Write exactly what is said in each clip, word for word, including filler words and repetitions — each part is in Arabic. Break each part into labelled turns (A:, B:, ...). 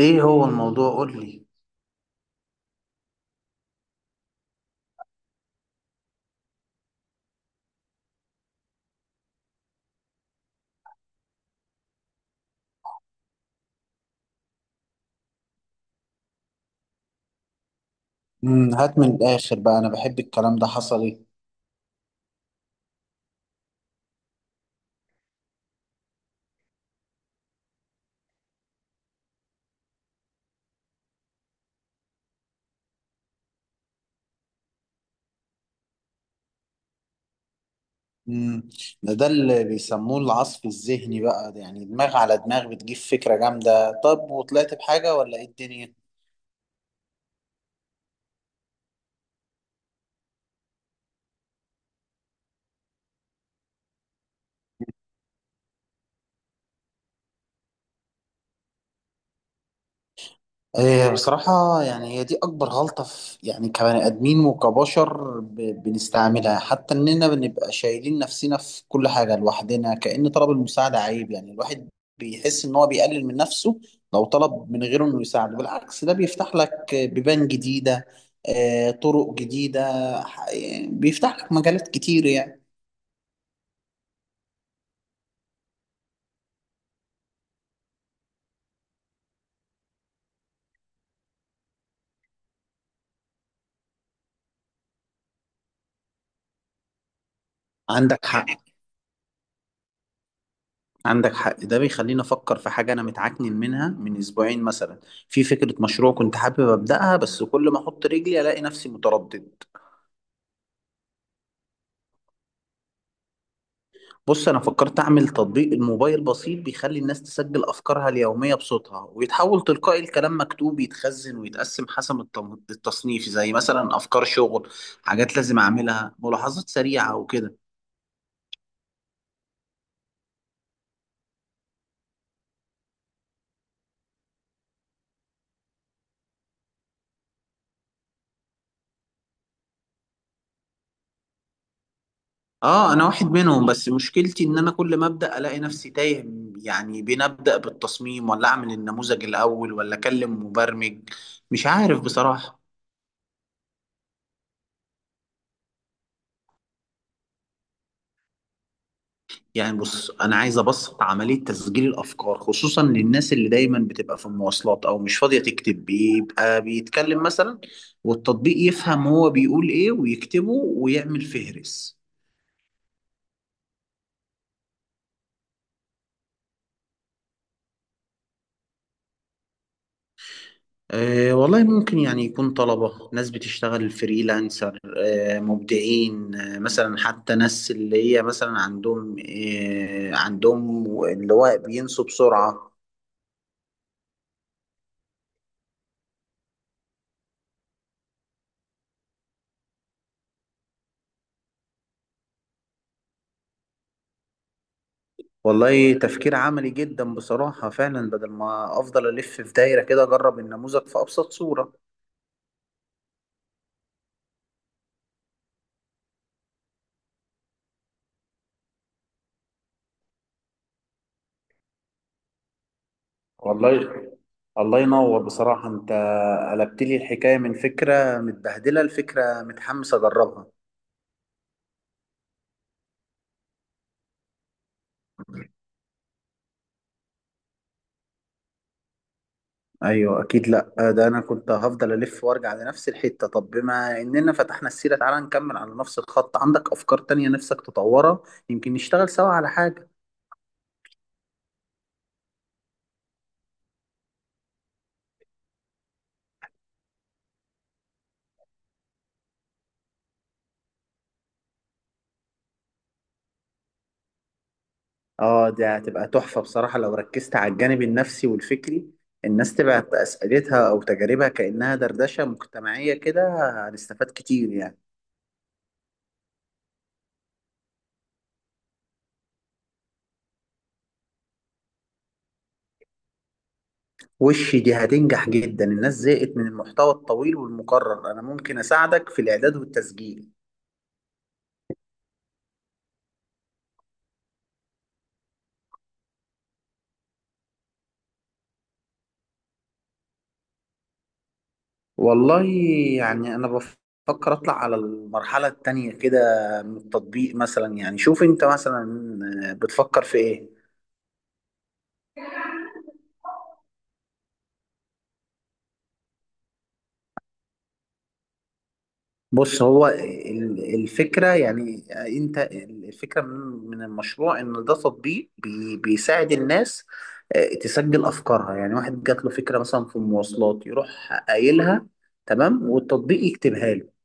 A: ايه هو الموضوع؟ قول لي. امم هات من الآخر بقى، أنا بحب الكلام ده. حصل إيه؟ امم ده ده اللي بيسموه العصف الذهني بقى، ده يعني دماغ على دماغ بتجيب فكرة جامدة. طب وطلعت بحاجة ولا إيه الدنيا؟ إيه بصراحة، يعني هي دي أكبر غلطة في، يعني كبني آدمين وكبشر، ب- بنستعملها، حتى إننا بنبقى شايلين نفسنا في كل حاجة لوحدنا، كأن طلب المساعدة عيب. يعني الواحد بيحس إن هو بيقلل من نفسه لو طلب من غيره إنه يساعده. بالعكس، ده بيفتح لك بيبان جديدة. آه، طرق جديدة. ح- يعني بيفتح لك مجالات كتير يعني. عندك حق، عندك حق، ده بيخليني افكر في حاجه انا متعكنن منها من اسبوعين مثلا. في فكره مشروع كنت حابب ابداها، بس كل ما احط رجلي الاقي نفسي متردد. بص، انا فكرت اعمل تطبيق الموبايل بسيط بيخلي الناس تسجل افكارها اليوميه بصوتها، ويتحول تلقائي لكلام مكتوب يتخزن ويتقسم حسب التم- التصنيف، زي مثلا افكار شغل، حاجات لازم اعملها، ملاحظات سريعه وكده. اه، انا واحد منهم، بس مشكلتي ان انا كل ما ابدا الاقي نفسي تايه. يعني بين ابدا بالتصميم، ولا اعمل النموذج الاول، ولا اكلم مبرمج. مش عارف بصراحه. يعني بص، انا عايز ابسط عمليه تسجيل الافكار، خصوصا للناس اللي دايما بتبقى في المواصلات او مش فاضيه تكتب، بيبقى بيتكلم مثلا والتطبيق يفهم هو بيقول ايه ويكتبه ويعمل فهرس. أه والله، ممكن يعني يكون طلبة، ناس بتشتغل فريلانسر، أه مبدعين، أه مثلا حتى ناس اللي هي مثلا عندهم، أه عندهم اللي هو بينسوا بسرعة. والله تفكير عملي جدا بصراحة، فعلا بدل ما أفضل ألف في دايرة كده، أجرب النموذج في أبسط صورة. والله، الله ينور بصراحة، أنت قلبت لي الحكاية من فكرة متبهدلة لفكرة متحمس أجربها. ايوه اكيد. لا، آه، ده انا كنت هفضل الف وارجع لنفس الحته. طب بما اننا فتحنا السيره، تعالى نكمل على نفس الخط. عندك افكار تانية نفسك تطورها؟ يمكن نشتغل سوا على حاجه. اه، دي هتبقى تحفه بصراحه لو ركزت على الجانب النفسي والفكري. الناس تبعت اسئلتها او تجاربها كانها دردشه مجتمعيه كده، هنستفاد كتير يعني. وش دي هتنجح جدا، الناس زهقت من المحتوى الطويل والمكرر. انا ممكن اساعدك في الاعداد والتسجيل. والله، يعني انا بفكر اطلع على المرحله التانية كده من التطبيق، مثلا يعني شوف انت مثلا آه، بتفكر في ايه. بص، هو ال- الفكره، يعني آه، انت، الفكره من من المشروع ان ده تطبيق بي- بيساعد الناس آه، تسجل افكارها. يعني واحد جات له فكره مثلا في المواصلات يروح قايلها، تمام، والتطبيق يكتبها له.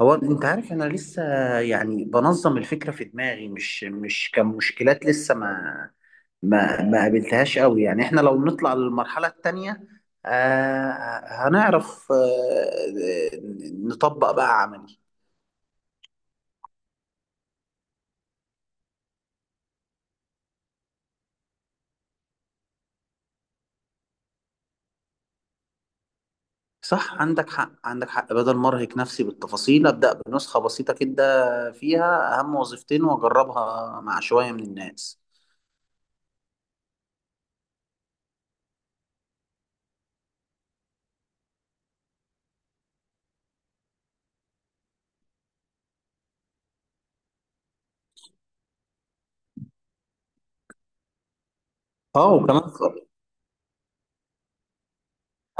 A: هو انت عارف انا لسه، يعني بنظم الفكره في دماغي. مش مش كمشكلات لسه، ما ما ما قابلتهاش قوي، يعني احنا لو نطلع للمرحله التانيه آه آه، هنعرف آه نطبق بقى عملي. صح، عندك حق، عندك حق. بدل ما ارهق نفسي بالتفاصيل، ابدا بنسخه بسيطه كده فيها اهم وظيفتين واجربها مع شويه من الناس. اه وكمان.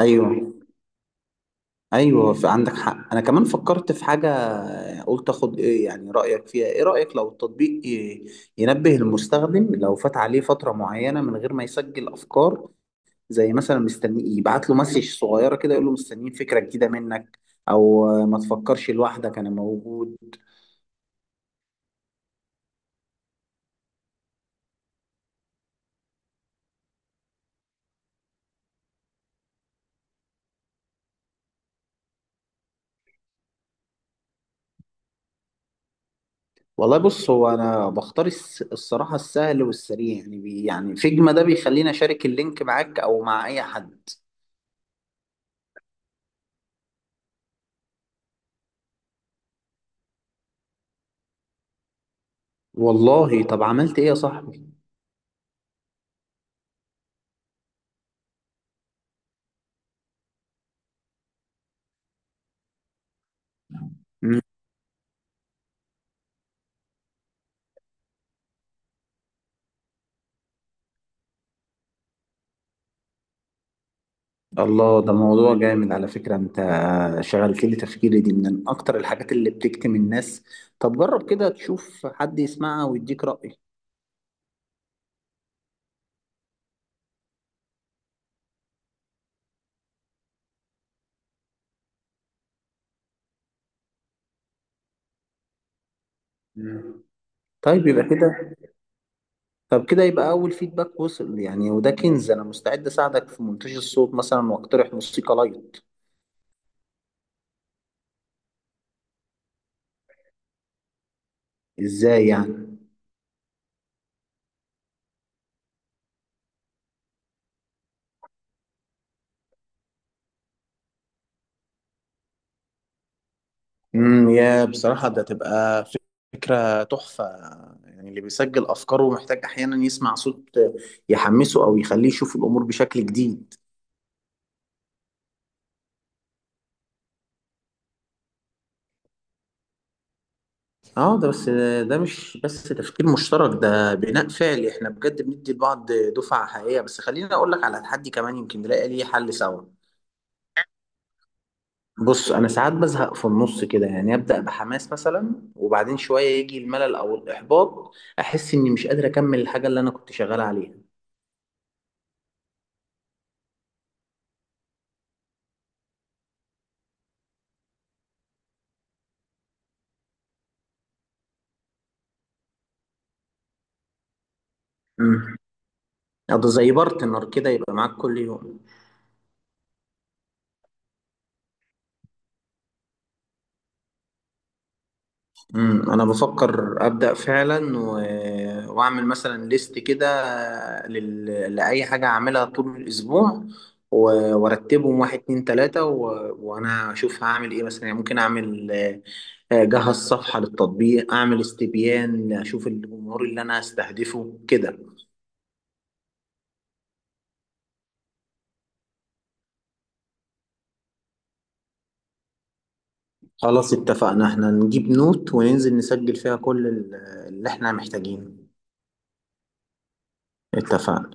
A: ايوه، ايوه، ف- عندك حق، انا كمان فكرت في حاجه. قلت اخد ايه يعني، رايك فيها؟ ايه رايك لو التطبيق ي- ينبه المستخدم لو فات عليه فتره معينه من غير ما يسجل افكار، زي مثلا مستني يبعت له مسج صغيره كده، يقول له مستنيين فكره جديده منك، او ما تفكرش لوحدك انا موجود. والله بص، هو انا بختار الس- الصراحه السهل والسريع، يعني بي يعني فيجما ده بيخليني اشارك اللينك معاك او مع اي حد. والله، طب عملت ايه يا صاحبي؟ الله، ده موضوع جامد على فكرة. انت شغلت لي تفكيري، دي من اكتر الحاجات اللي بتكتم الناس. طب جرب كده تشوف حد يسمعها ويديك رأي. مم. طيب، يبقى كده. طب كده يبقى اول فيدباك وصل يعني، وده كنز. انا مستعد اساعدك في مونتاج الصوت مثلا واقترح موسيقى لايت. ازاي يعني؟ امم يا بصراحة ده تبقى فكرة تحفة. يعني اللي بيسجل أفكاره محتاج أحيانا يسمع صوت يحمسه أو يخليه يشوف الأمور بشكل جديد. اه، ده بس، ده مش بس تفكير مشترك، ده بناء فعلي. احنا بجد بندي لبعض دفعة حقيقية. بس خليني اقول لك على تحدي كمان يمكن نلاقي ليه حل سوا. بص، انا ساعات بزهق في النص كده، يعني ابدا بحماس مثلا وبعدين شوية يجي الملل او الاحباط، احس اني مش قادر اكمل الحاجة اللي انا كنت شغال عليها. امم ده زي بارتنر كده يبقى معاك كل يوم. امم انا بفكر ابدا فعلا و... واعمل مثلا ليست كده لل... لاي حاجه اعملها طول الاسبوع، و... وارتبهم واحد اتنين تلاته، و... وانا اشوف هعمل ايه مثلا. يعني ممكن اعمل، آه، اجهز صفحه للتطبيق، اعمل استبيان، اشوف الجمهور اللي انا هستهدفه كده. خلاص اتفقنا، احنا نجيب نوت وننزل نسجل فيها كل ال- اللي احنا محتاجينه. اتفقنا.